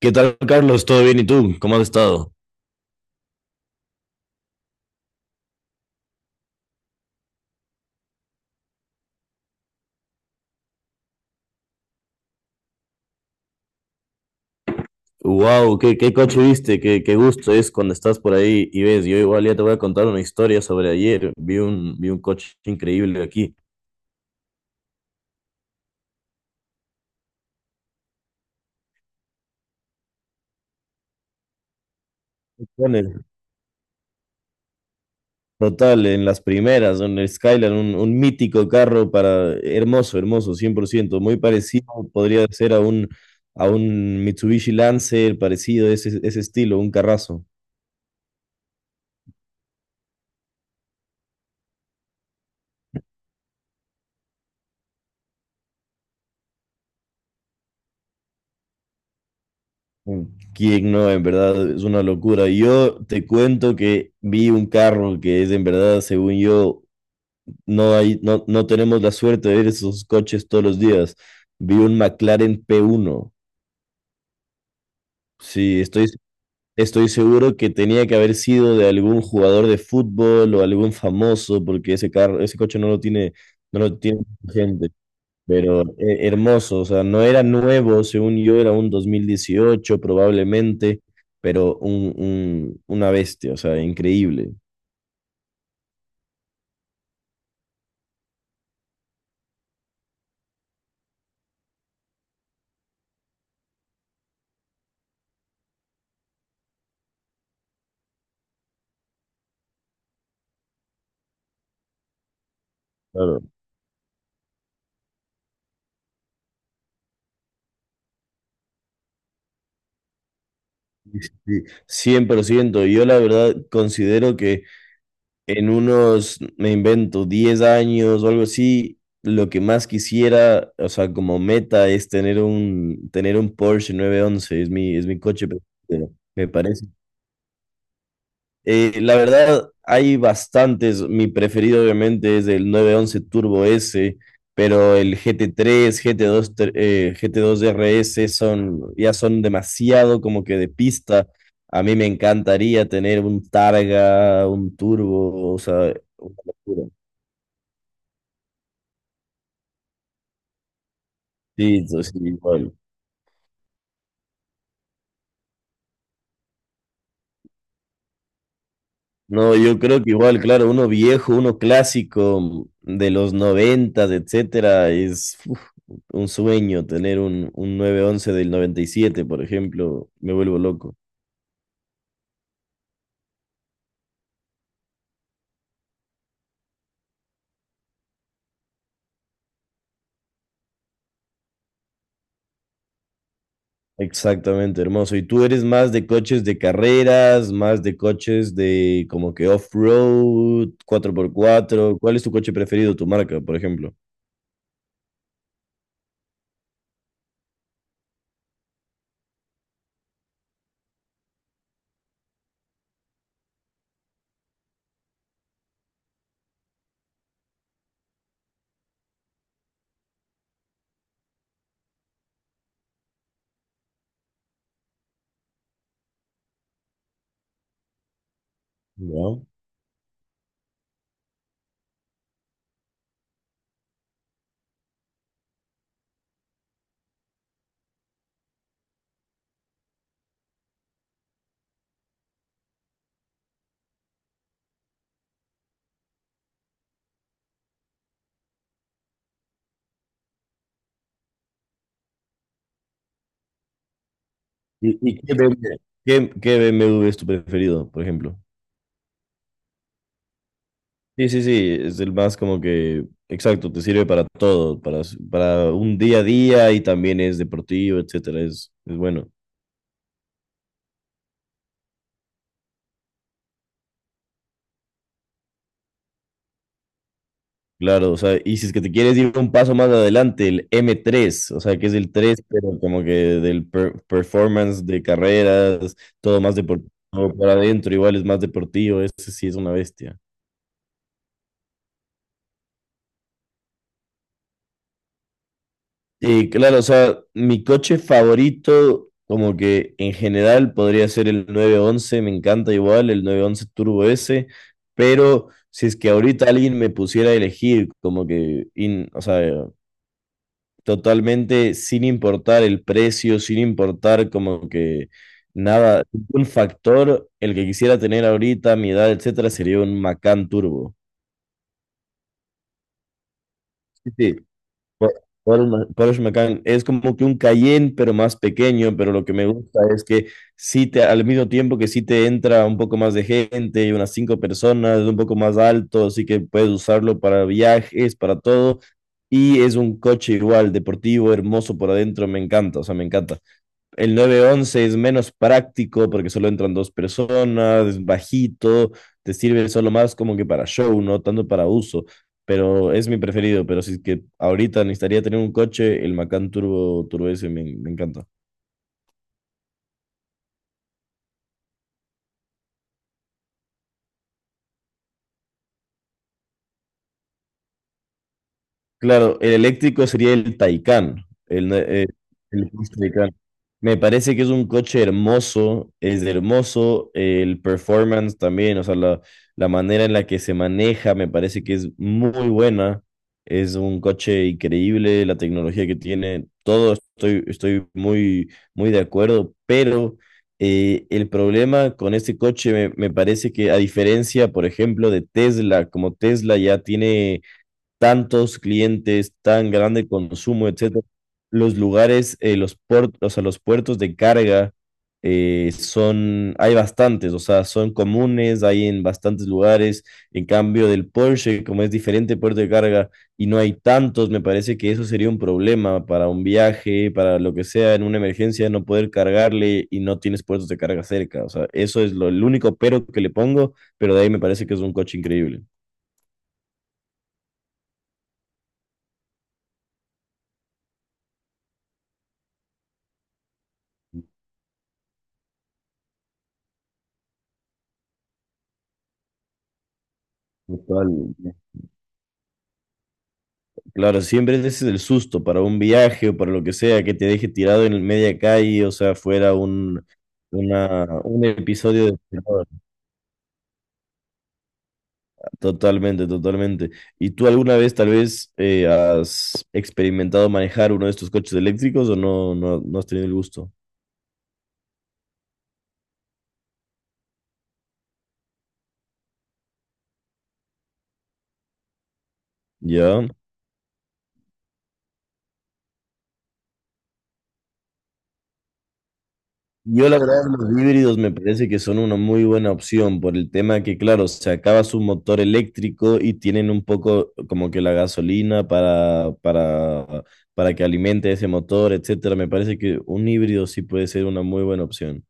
¿Qué tal, Carlos? ¿Todo bien? ¿Y tú? ¿Cómo has estado? Wow, qué coche viste, qué gusto es cuando estás por ahí y ves. Yo igual ya te voy a contar una historia sobre ayer. Vi un coche increíble aquí. Total, en las primeras, en el Skyline, un mítico carro para hermoso, hermoso, 100%. Muy parecido podría ser a un Mitsubishi Lancer, parecido, ese estilo, un carrazo. Quién no, en verdad es una locura. Yo te cuento que vi un carro que es en verdad, según yo, no hay, no, no tenemos la suerte de ver esos coches todos los días. Vi un McLaren P1. Sí, estoy, estoy seguro que tenía que haber sido de algún jugador de fútbol o algún famoso, porque ese carro, ese coche no lo tiene, no lo tiene gente. Pero hermoso, o sea, no era nuevo, según yo, era un 2018 probablemente, pero una bestia, o sea, increíble. Claro, sí, 100%. Yo la verdad considero que en unos, me invento, 10 años o algo así, lo que más quisiera, o sea, como meta es tener un Porsche 911. Es mi coche preferido, me parece. La verdad, hay bastantes. Mi preferido, obviamente, es el 911 Turbo S, pero el GT3, GT2 RS son, ya son demasiado como que de pista. A mí me encantaría tener un Targa, un Turbo, o sea, una locura. Sí, eso sí, igual. No, yo creo que igual, claro, uno viejo, uno clásico de los 90, etcétera, es un sueño tener un 911 del 97 por ejemplo, me vuelvo loco. Exactamente, hermoso. ¿Y tú eres más de coches de carreras, más de coches de como que off-road, 4x4? ¿Cuál es tu coche preferido, tu marca, por ejemplo? Ya. Qué BMW? ¿Qué BMW es tu preferido, por ejemplo? Sí, es el más como que, exacto, te sirve para todo, para un día a día y también es deportivo, etcétera, es bueno. Claro, o sea, y si es que te quieres ir un paso más adelante, el M3, o sea, que es el 3, pero como que del performance de carreras, todo más deportivo para adentro, igual es más deportivo, ese sí es una bestia. Y claro, o sea, mi coche favorito, como que en general podría ser el 911. Me encanta igual, el 911 Turbo S, pero si es que ahorita alguien me pusiera a elegir, como que, o sea, totalmente sin importar el precio, sin importar como que nada, un factor, el que quisiera tener ahorita, mi edad, etcétera, sería un Macan Turbo. Sí, sí. Por, Porsche Macan es como que un Cayenne, pero más pequeño, pero lo que me gusta es que sí te, al mismo tiempo que sí te entra un poco más de gente, y unas 5 personas, es un poco más alto, así que puedes usarlo para viajes, para todo. Y es un coche igual, deportivo, hermoso por adentro, me encanta, o sea, me encanta. El nueve once es menos práctico porque solo entran 2 personas, es bajito, te sirve solo más como que para show, no tanto para uso. Pero es mi preferido. Pero si es que ahorita necesitaría tener un coche, el Macan Turbo, Turbo S me encanta. Claro, el eléctrico sería el Taycan, el Porsche Taycan. Me parece que es un coche hermoso, es hermoso, el performance también, o sea, la manera en la que se maneja me parece que es muy buena, es un coche increíble, la tecnología que tiene, todo estoy muy, muy de acuerdo, pero el problema con este coche me parece que a diferencia, por ejemplo, de Tesla, como Tesla ya tiene tantos clientes, tan grande consumo, etcétera, los lugares, los puertos, o sea, los puertos de carga son, hay bastantes, o sea, son comunes, hay en bastantes lugares. En cambio del Porsche, como es diferente puerto de carga y no hay tantos, me parece que eso sería un problema para un viaje, para lo que sea, en una emergencia, no poder cargarle y no tienes puertos de carga cerca. O sea, eso es lo, el único pero que le pongo, pero de ahí me parece que es un coche increíble. Total, claro, siempre ese es el susto para un viaje o para lo que sea, que te deje tirado en media calle, o sea, fuera un episodio de terror. Totalmente, totalmente. ¿Y tú alguna vez tal vez has experimentado manejar uno de estos coches eléctricos o no has tenido el gusto? ¿Ya? Yo la verdad los híbridos me parece que son una muy buena opción por el tema que, claro, se acaba su motor eléctrico y tienen un poco como que la gasolina para que alimente ese motor, etcétera. Me parece que un híbrido sí puede ser una muy buena opción.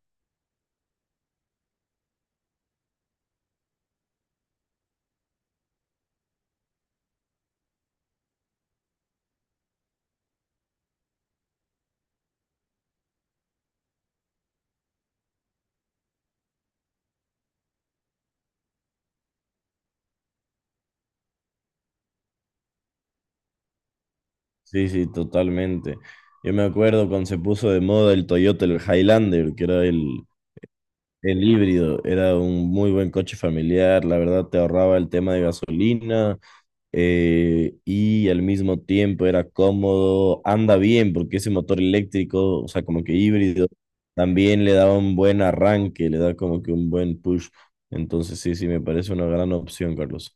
Sí, sí, totalmente. Yo me acuerdo cuando se puso de moda el Toyota, el Highlander, que era el híbrido, era un muy buen coche familiar, la verdad te ahorraba el tema de gasolina y al mismo tiempo era cómodo, anda bien porque ese motor eléctrico, o sea, como que híbrido, también le da un buen arranque, le da como que un buen push. Entonces sí, sí, me parece una gran opción, Carlos.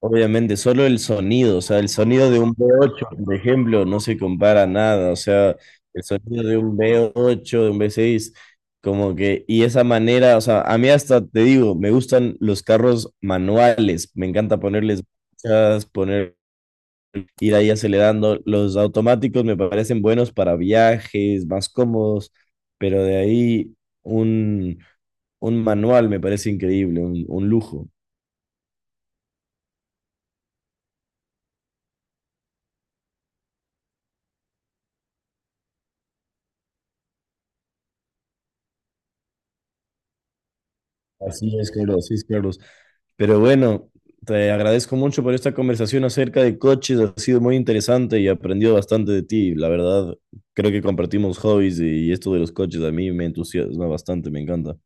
Obviamente, solo el sonido, o sea, el sonido de un V8, por ejemplo, no se compara a nada, o sea, el sonido de un V8, de un V6, como que, y esa manera, o sea, a mí hasta te digo, me gustan los carros manuales, me encanta ponerles marchas, poner, ir ahí acelerando, los automáticos me parecen buenos para viajes, más cómodos, pero de ahí un, un manual me parece increíble, un lujo. Así es, Carlos, así es, Carlos. Pero bueno, te agradezco mucho por esta conversación acerca de coches. Ha sido muy interesante y aprendido bastante de ti. La verdad, creo que compartimos hobbies y esto de los coches a mí me entusiasma bastante, me encanta.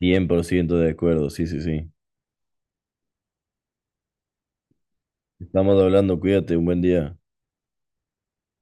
100% de acuerdo, sí, sí, sí. Estamos hablando, cuídate, un buen día.